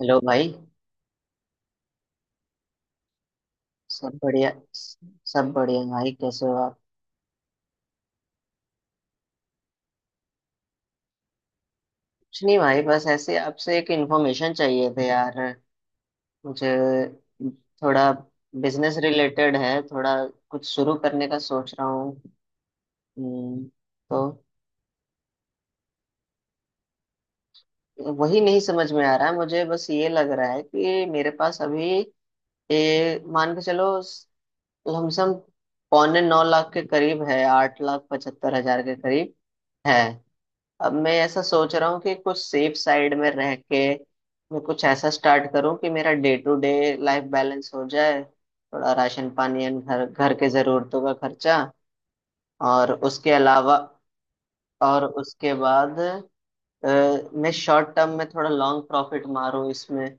Hello भाई। सब बढ़िया भाई, कैसे हो आप? कुछ नहीं भाई, बस ऐसे आपसे एक इन्फॉर्मेशन चाहिए थे यार मुझे। थोड़ा बिजनेस रिलेटेड है, थोड़ा कुछ शुरू करने का सोच रहा हूँ। हम्म, तो वही नहीं समझ में आ रहा है मुझे, बस ये लग रहा है कि मेरे पास अभी ये मान के चलो लमसम 8.75 लाख के करीब है, 8,75,000 के करीब है। अब मैं ऐसा सोच रहा हूँ कि कुछ सेफ साइड में रह के मैं कुछ ऐसा स्टार्ट करूँ कि मेरा day to day life balance हो जाए, थोड़ा राशन पानी एंड घर घर के जरूरतों का खर्चा। और उसके अलावा, और उसके बाद मैं शॉर्ट टर्म में थोड़ा लॉन्ग प्रॉफिट मारूँ इसमें,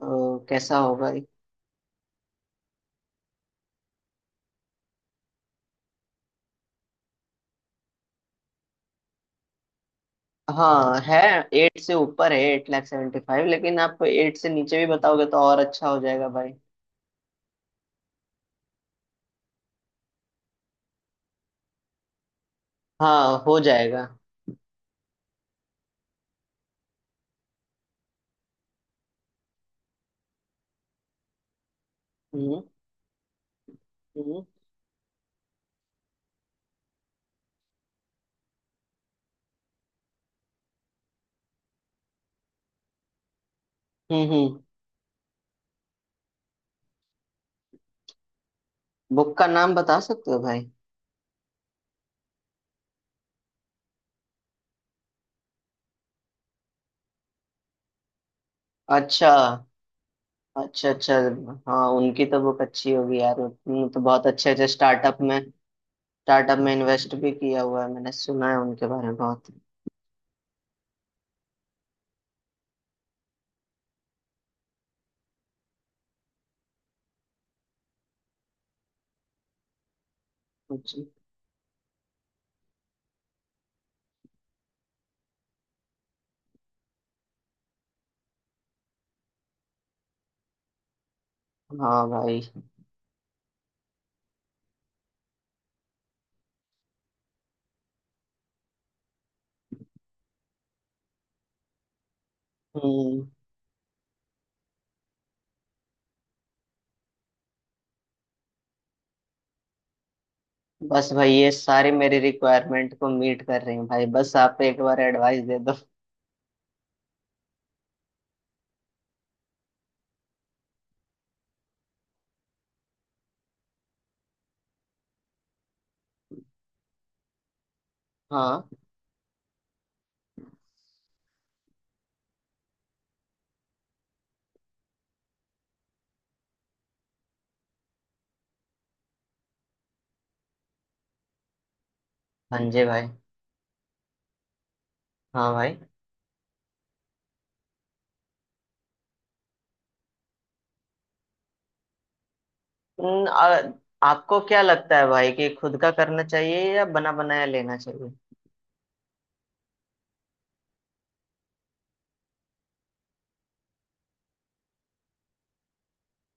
तो कैसा होगा ये? हाँ है, एट से ऊपर है, एट लाख सेवेंटी फाइव, लेकिन आप एट से नीचे भी बताओगे तो और अच्छा हो जाएगा भाई। हाँ हो जाएगा। हम्म, हम्म, हम्म, बुक का नाम बता सकते हो भाई? अच्छा अच्छा अच्छा, हाँ उनकी तो बुक अच्छी होगी यार, उन्होंने तो बहुत अच्छे अच्छे स्टार्टअप में इन्वेस्ट भी किया हुआ है, मैंने सुना है उनके बारे में बहुत। अच्छा। हाँ भाई। हम्म। बस भाई ये सारी मेरी रिक्वायरमेंट को मीट कर रही हूँ भाई, बस आप एक बार एडवाइस दे दो। हाँ। संजय भाई। हाँ भाई। हम्म, आ, आपको क्या लगता है भाई कि खुद का करना चाहिए या बना बनाया लेना चाहिए?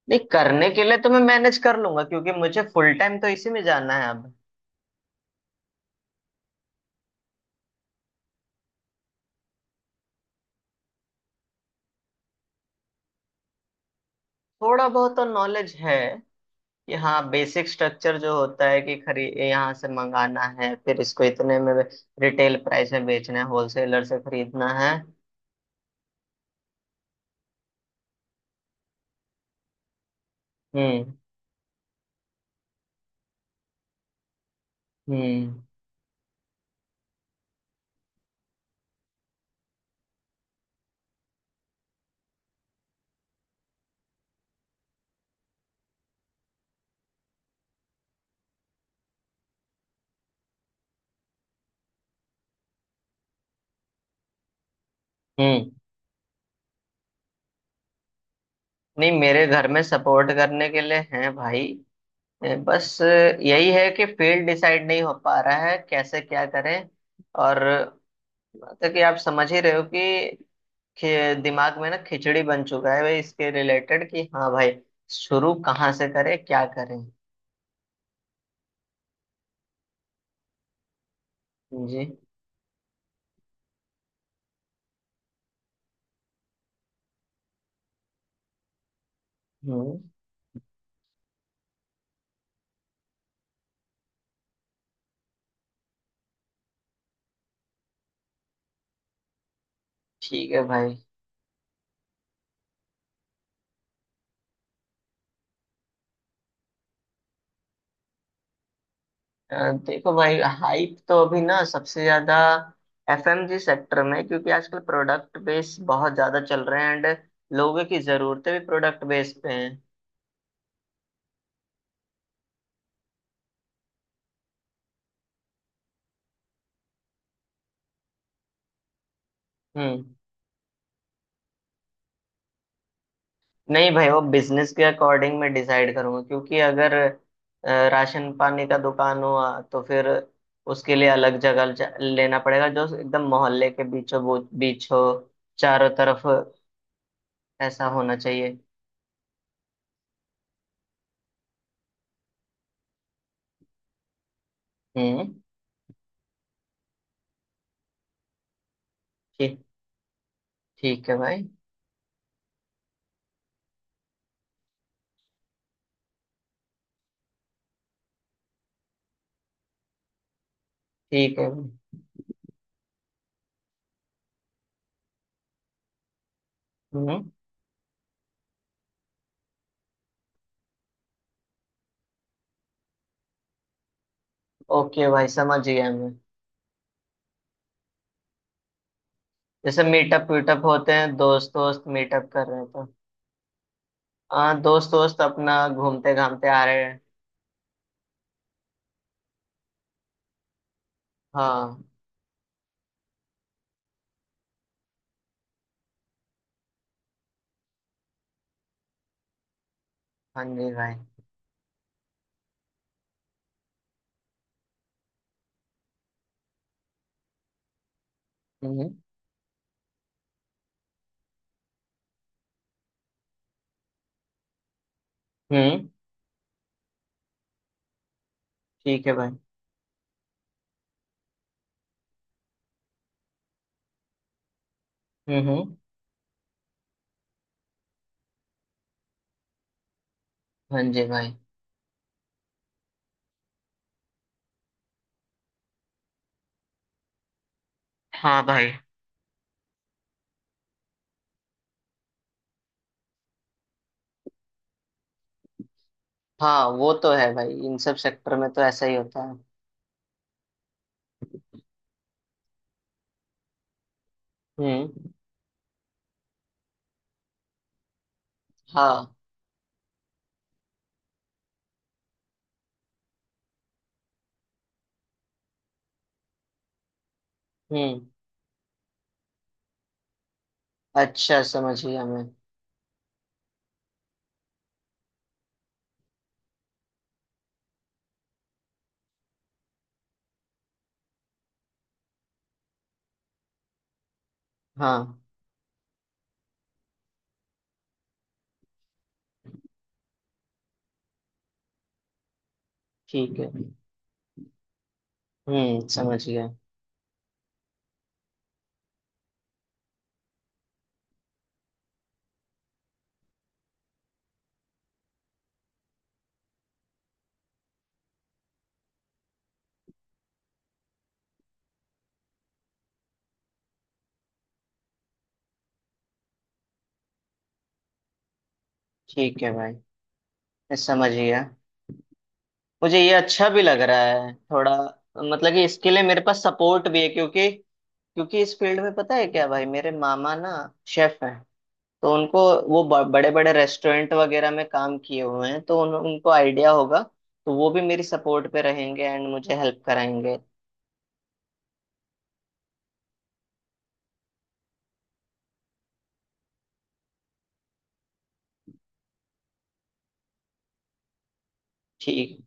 नहीं, करने के लिए तो मैं मैनेज कर लूंगा क्योंकि मुझे फुल टाइम तो इसी में जाना है अब। थोड़ा बहुत तो नॉलेज है कि हाँ, बेसिक स्ट्रक्चर जो होता है कि खरी यहाँ से मंगाना है, फिर इसको इतने में रिटेल प्राइस में बेचना है, होलसेलर से खरीदना है। हम्म, हम्म, हम्म। नहीं, मेरे घर में सपोर्ट करने के लिए हैं भाई। बस यही है कि फील्ड डिसाइड नहीं हो पा रहा है, कैसे क्या करें। और मतलब कि आप समझ ही रहे हो कि दिमाग में ना खिचड़ी बन चुका है भाई इसके रिलेटेड कि हाँ भाई, शुरू कहाँ से करें क्या करें। जी। हम्म। ठीक है भाई। देखो भाई, हाइप तो अभी ना सबसे ज्यादा एफएमजी सेक्टर में, क्योंकि आजकल प्रोडक्ट बेस बहुत ज्यादा चल रहे हैं एंड लोगों की जरूरतें भी प्रोडक्ट बेस पे हैं। हम्म। नहीं भाई, वो बिजनेस के अकॉर्डिंग मैं डिसाइड करूंगा, क्योंकि अगर राशन पानी का दुकान हुआ तो फिर उसके लिए अलग जगह लेना पड़ेगा जो एकदम मोहल्ले के बीचों बीच हो, चारों तरफ ऐसा होना चाहिए। हम्म। ठीक। ठीक है भाई। ठीक है भाई। हम्म। ओके भाई, समझ गया मैं। जैसे मीटअप वीटअप होते हैं, दोस्त दोस्त मीटअप कर रहे हैं, तो हाँ दोस्त दोस्त अपना घूमते घामते आ रहे हैं। हाँ। हाँ जी भाई। हम्म, हम्म। ठीक है भाई। हम्म, हाँ जी भाई। हाँ भाई। हाँ वो तो है भाई, इन सब सेक्टर में तो ऐसा ही होता है। हम्म। हाँ। हम्म। अच्छा, समझ गया मैं। हाँ। ठीक है। हम्म, समझ गया। ठीक है भाई, मैं समझ गया। मुझे ये अच्छा भी लग रहा है थोड़ा, मतलब कि इसके लिए मेरे पास सपोर्ट भी है, क्योंकि क्योंकि इस फील्ड में पता है क्या भाई, मेरे मामा ना शेफ हैं, तो उनको वो बड़े बड़े रेस्टोरेंट वगैरह में काम किए हुए हैं, तो उनको आइडिया होगा, तो वो भी मेरी सपोर्ट पे रहेंगे एंड मुझे हेल्प कराएंगे। ठीक।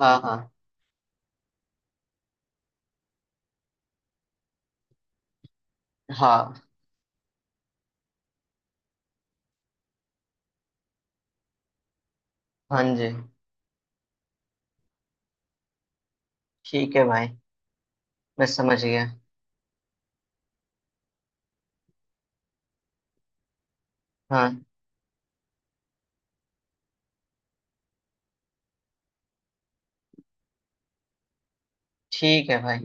हाँ हाँ हाँ। हाँ जी। ठीक है भाई, मैं समझ गया। हाँ। ठीक है भाई।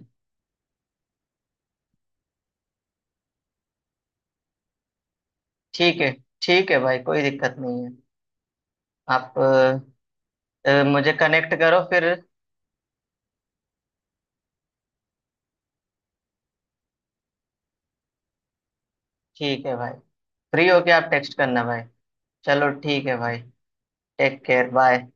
ठीक है, ठीक है भाई, कोई दिक्कत नहीं है। आप मुझे कनेक्ट करो फिर। ठीक है भाई, फ्री होके आप टेक्स्ट करना भाई। चलो, ठीक है भाई। Take care, bye.